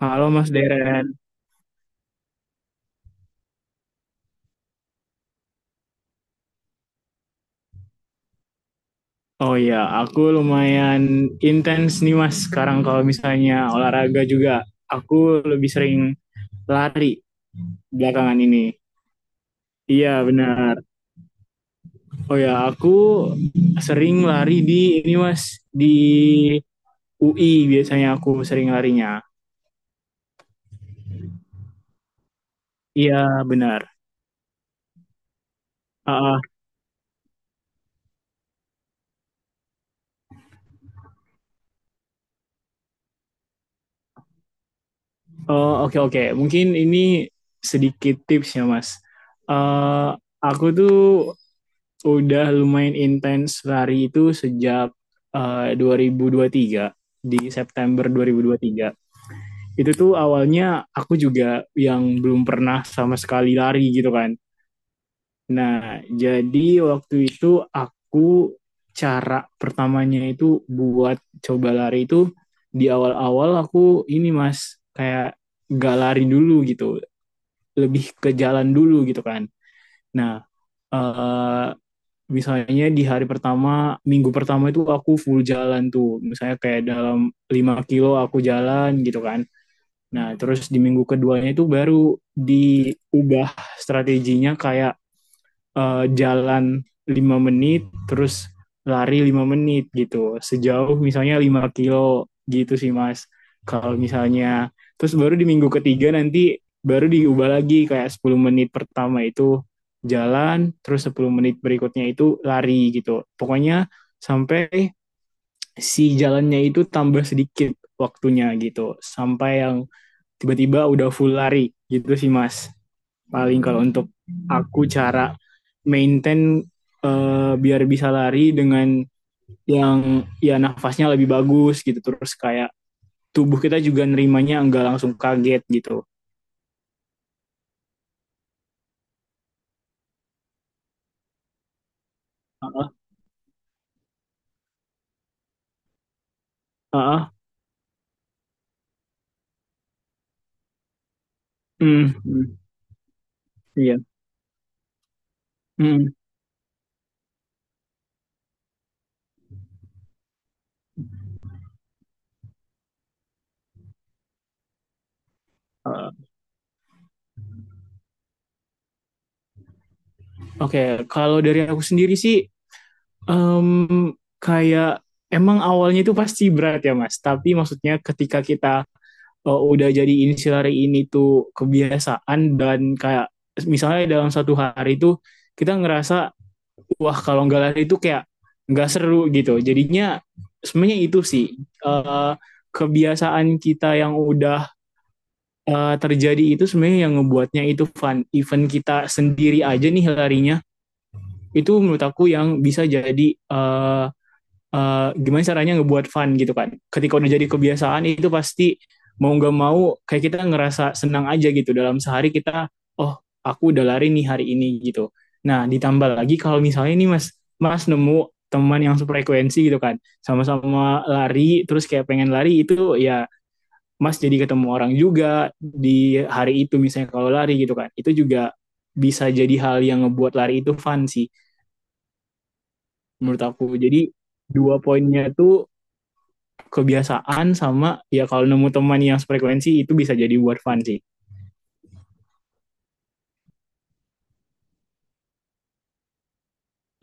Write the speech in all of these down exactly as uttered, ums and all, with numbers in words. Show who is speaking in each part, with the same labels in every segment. Speaker 1: Halo Mas Deren. Oh iya, aku lumayan intens nih Mas sekarang kalau misalnya olahraga juga. Aku lebih sering lari belakangan ini. Iya benar. Oh ya, aku sering lari di ini Mas, di U I biasanya aku sering larinya. Iya benar. Ah, ah. oh oke oke. Mungkin ini sedikit tips ya Mas. Eh, aku tuh udah lumayan intens lari itu sejak eh, dua ribu dua puluh tiga di September dua ribu dua puluh tiga. Itu tuh awalnya aku juga yang belum pernah sama sekali lari gitu kan. Nah, jadi waktu itu aku cara pertamanya itu buat coba lari itu di awal-awal aku ini Mas kayak gak lari dulu gitu, lebih ke jalan dulu gitu kan. Nah, eh misalnya di hari pertama, minggu pertama itu aku full jalan tuh. Misalnya kayak dalam lima kilo aku jalan gitu kan. Nah, terus di minggu keduanya itu baru diubah strateginya kayak eh, jalan lima menit terus lari lima menit gitu. Sejauh misalnya lima kilo gitu sih Mas. Kalau misalnya terus baru di minggu ketiga nanti baru diubah lagi kayak sepuluh menit pertama itu jalan, terus sepuluh menit berikutnya itu lari gitu. Pokoknya sampai si jalannya itu tambah sedikit waktunya gitu. Sampai yang tiba-tiba udah full lari gitu sih Mas, paling kalau untuk aku cara maintain eh, biar bisa lari dengan yang ya nafasnya lebih bagus gitu terus kayak tubuh kita juga nerimanya nggak langsung kaget gitu. Heeh, heeh. Mm, mm, iya. Mm. Heeh. Oke, okay. Kalau dari aku sendiri sih, Em, kayak emang awalnya itu pasti berat ya Mas, tapi maksudnya ketika kita eh, udah jadi insilari ini tuh kebiasaan dan kayak misalnya dalam satu hari itu kita ngerasa wah kalau nggak lari itu kayak nggak seru gitu. Jadinya sebenarnya itu sih, eh, kebiasaan kita yang udah eh, terjadi itu sebenarnya yang ngebuatnya itu fun. Even kita sendiri aja nih larinya itu menurut aku yang bisa jadi eh, eh, gimana caranya ngebuat fun gitu kan. Ketika udah jadi kebiasaan itu pasti mau nggak mau kayak kita ngerasa senang aja gitu dalam sehari kita oh aku udah lari nih hari ini gitu. Nah ditambah lagi kalau misalnya nih mas mas nemu teman yang sefrekuensi gitu kan sama-sama lari terus kayak pengen lari itu ya mas jadi ketemu orang juga di hari itu misalnya kalau lari gitu kan itu juga bisa jadi hal yang ngebuat lari itu fun sih menurut aku, jadi dua poinnya itu kebiasaan sama ya kalau nemu teman yang frekuensi itu bisa jadi buat fun sih.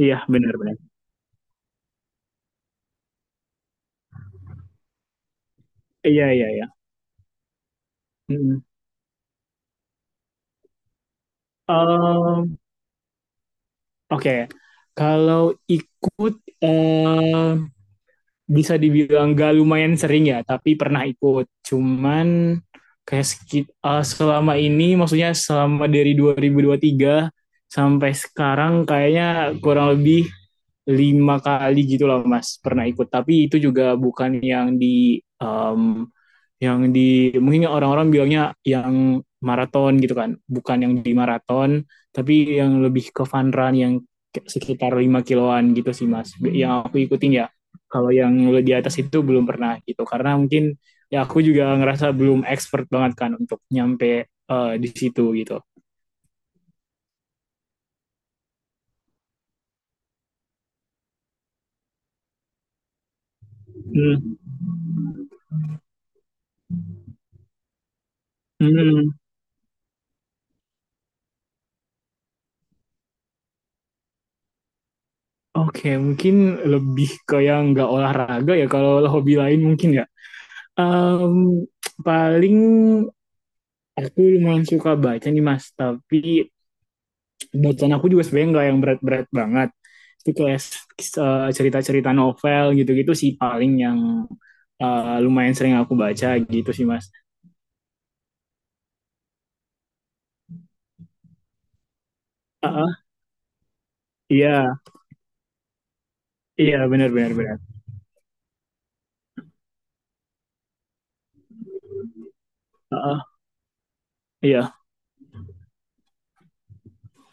Speaker 1: Iya, benar-benar. Iya, iya, iya. mm Um, Oke, kalau ikut eh, bisa dibilang gak lumayan sering ya, tapi pernah ikut. Cuman kayak sekit- eh, selama ini, maksudnya selama dari dua ribu dua ribu tiga sampai sekarang kayaknya kurang lebih lima kali gitu loh Mas pernah ikut. Tapi itu juga bukan yang di em, yang di mungkin orang-orang bilangnya yang maraton gitu kan, bukan yang di maraton tapi yang lebih ke fun run yang sekitar lima kiloan gitu sih mas yang aku ikutin ya. Kalau yang di atas itu belum pernah gitu karena mungkin ya aku juga ngerasa belum expert banget kan untuk nyampe uh, di situ gitu hmm. Hmm. Oke, okay, mungkin lebih ke yang nggak olahraga ya. Kalau hobi lain mungkin ya. Um, paling aku lumayan suka baca nih Mas, tapi bacaan aku juga sebenarnya nggak yang berat-berat banget. Itu kayak eh, cerita-cerita novel gitu-gitu sih paling yang eh, lumayan sering aku baca gitu sih Mas. Heeh, iya, iya benar-benar benar. Heeh, iya,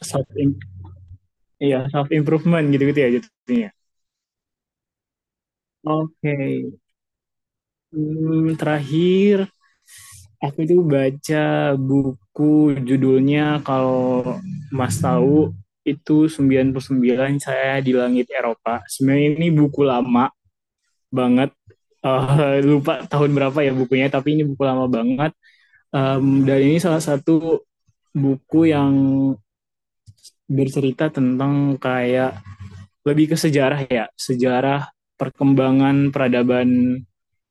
Speaker 1: self iya, self improvement gitu-gitu ya jadinya. Oke. Hmm, terakhir aku itu baca buku judulnya, kalau Mas tahu, itu sembilan puluh sembilan saya di langit Eropa. Sebenarnya ini buku lama banget. Eh, lupa tahun berapa ya bukunya, tapi ini buku lama banget. Em, dan ini salah satu buku yang bercerita tentang kayak lebih ke sejarah ya, sejarah perkembangan peradaban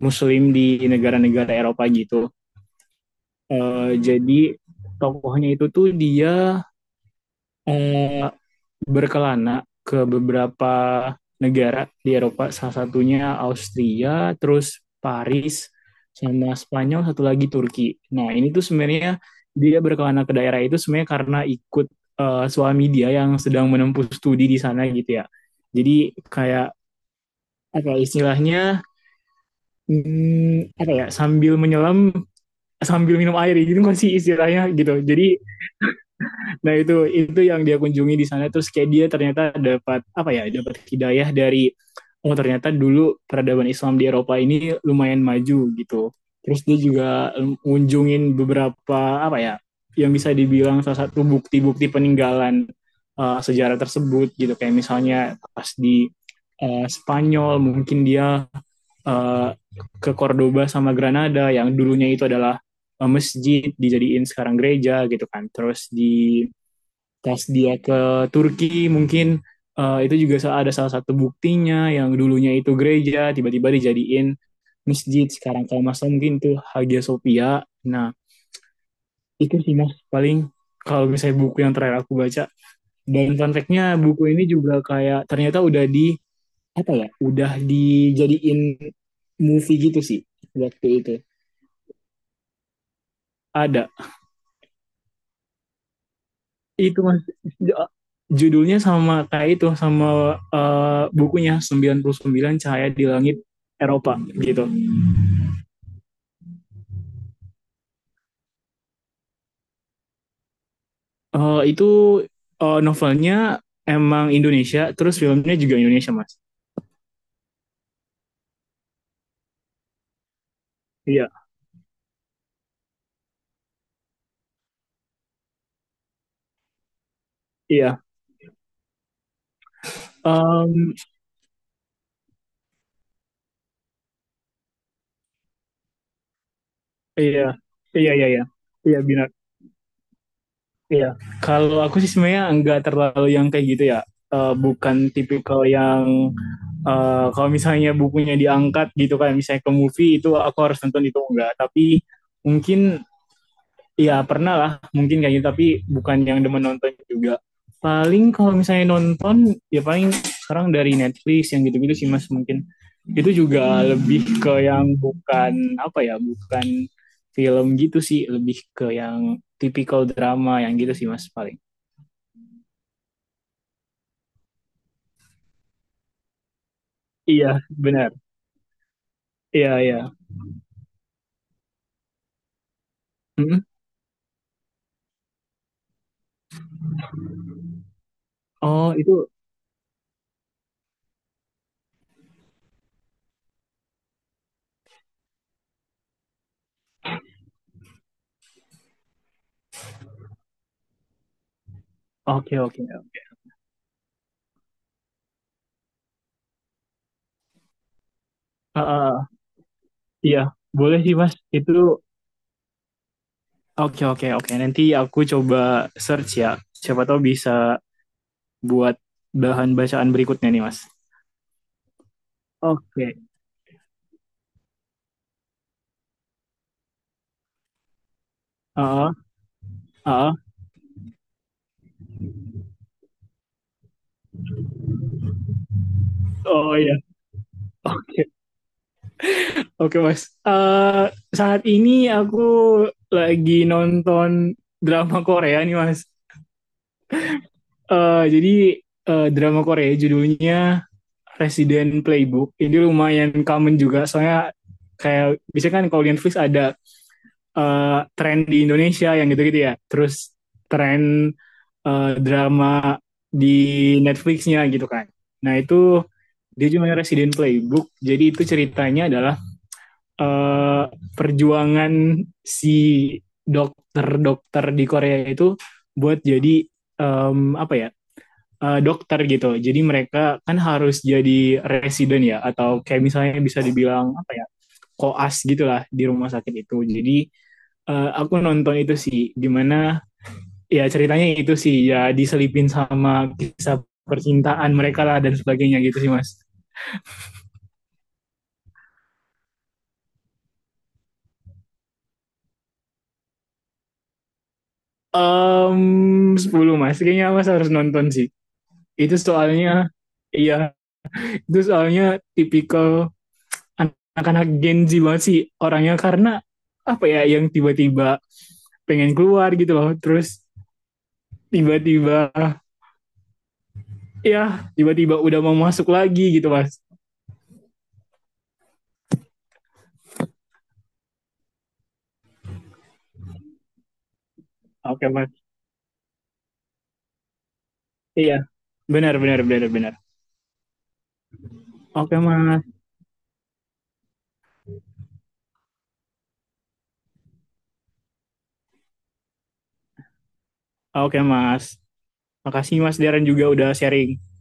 Speaker 1: Muslim di negara-negara Eropa gitu. Uh, jadi tokohnya itu tuh dia uh, berkelana ke beberapa negara di Eropa, salah satunya Austria, terus Paris, sama Spanyol, satu lagi Turki. Nah ini tuh sebenarnya dia berkelana ke daerah itu sebenarnya karena ikut uh, suami dia yang sedang menempuh studi di sana gitu ya. Jadi kayak apa ya istilahnya, hmm, apa ya, sambil menyelam sambil minum air gitu kan sih istilahnya gitu. Jadi, Nah, itu itu yang dia kunjungi di sana, terus kayak dia ternyata dapat apa ya, dapat hidayah dari oh ternyata dulu peradaban Islam di Eropa ini lumayan maju gitu. Terus dia juga ngunjungin beberapa apa ya yang bisa dibilang salah satu bukti-bukti peninggalan uh, sejarah tersebut gitu kayak misalnya pas di uh, Spanyol mungkin dia uh, ke Cordoba sama Granada yang dulunya itu adalah uh, masjid dijadiin sekarang gereja gitu kan. Terus di pas dia ke Turki mungkin eh, itu juga ada salah satu buktinya yang dulunya itu gereja tiba-tiba dijadiin masjid. Sekarang kalau Mas mungkin itu Hagia Sophia. Nah, itu sih Mas paling kalau misalnya buku yang terakhir aku baca, dan fun fact-nya buku ini juga kayak ternyata udah di apa ya? Udah dijadiin movie gitu sih waktu itu. Ada itu mas, judulnya sama kayak itu, sama eh, bukunya, sembilan puluh sembilan Cahaya di Langit Eropa gitu. Eh, itu eh, novelnya emang Indonesia, terus filmnya juga Indonesia mas. Iya, iya, Em, iya, iya, iya, iya, iya, benar. Iya. Kalau aku sih sebenarnya nggak terlalu yang kayak gitu ya. Eh, bukan tipikal yang eh, kalau misalnya bukunya diangkat gitu kan, misalnya ke movie, itu aku harus nonton, itu enggak. Tapi mungkin iya pernah lah mungkin kayak gitu, tapi bukan yang demen nonton juga. Paling kalau misalnya nonton ya paling sekarang dari Netflix yang gitu-gitu sih mas, mungkin itu juga lebih ke yang bukan apa ya, bukan film gitu sih, lebih ke yang tipikal drama yang gitu sih mas paling. Iya benar. Iya, iya. Mm-mm. Oh itu, oke, oke. Ah, ah, ah. Iya boleh sih mas itu, oke, oke, oke, nanti aku coba search ya, siapa tahu bisa buat bahan bacaan berikutnya nih, Mas. Oke. Ah, ah. Oh iya. Oke. Oke, Mas. Eh, saat ini aku lagi nonton drama Korea nih, Mas. Eh, jadi eh, drama Korea judulnya Resident Playbook. Ini lumayan common juga soalnya kayak biasanya kan kalau di Netflix ada eh, tren di Indonesia yang gitu-gitu ya. Terus tren eh, drama di Netflixnya gitu kan. Nah, itu Dia cuma resident playbook. Jadi itu ceritanya adalah eh, perjuangan si dokter-dokter di Korea itu buat jadi em, apa ya, eh, dokter gitu. Jadi mereka kan harus jadi resident ya atau kayak misalnya bisa dibilang apa ya, koas gitulah di rumah sakit itu. Jadi eh, aku nonton itu sih, gimana ya, ceritanya itu sih ya diselipin sama kisah percintaan mereka lah dan sebagainya gitu sih mas. um Sepuluh Mas, kayaknya Mas harus nonton sih. Itu soalnya, iya, itu soalnya tipikal anak-anak Gen Z banget sih orangnya, karena apa ya yang tiba-tiba pengen keluar gitu loh, terus tiba-tiba ya tiba-tiba udah mau masuk lagi gitu Mas. Oke Mas, iya, benar benar benar benar. Oke Mas, oke Mas, makasih Mas Darren juga udah sharing.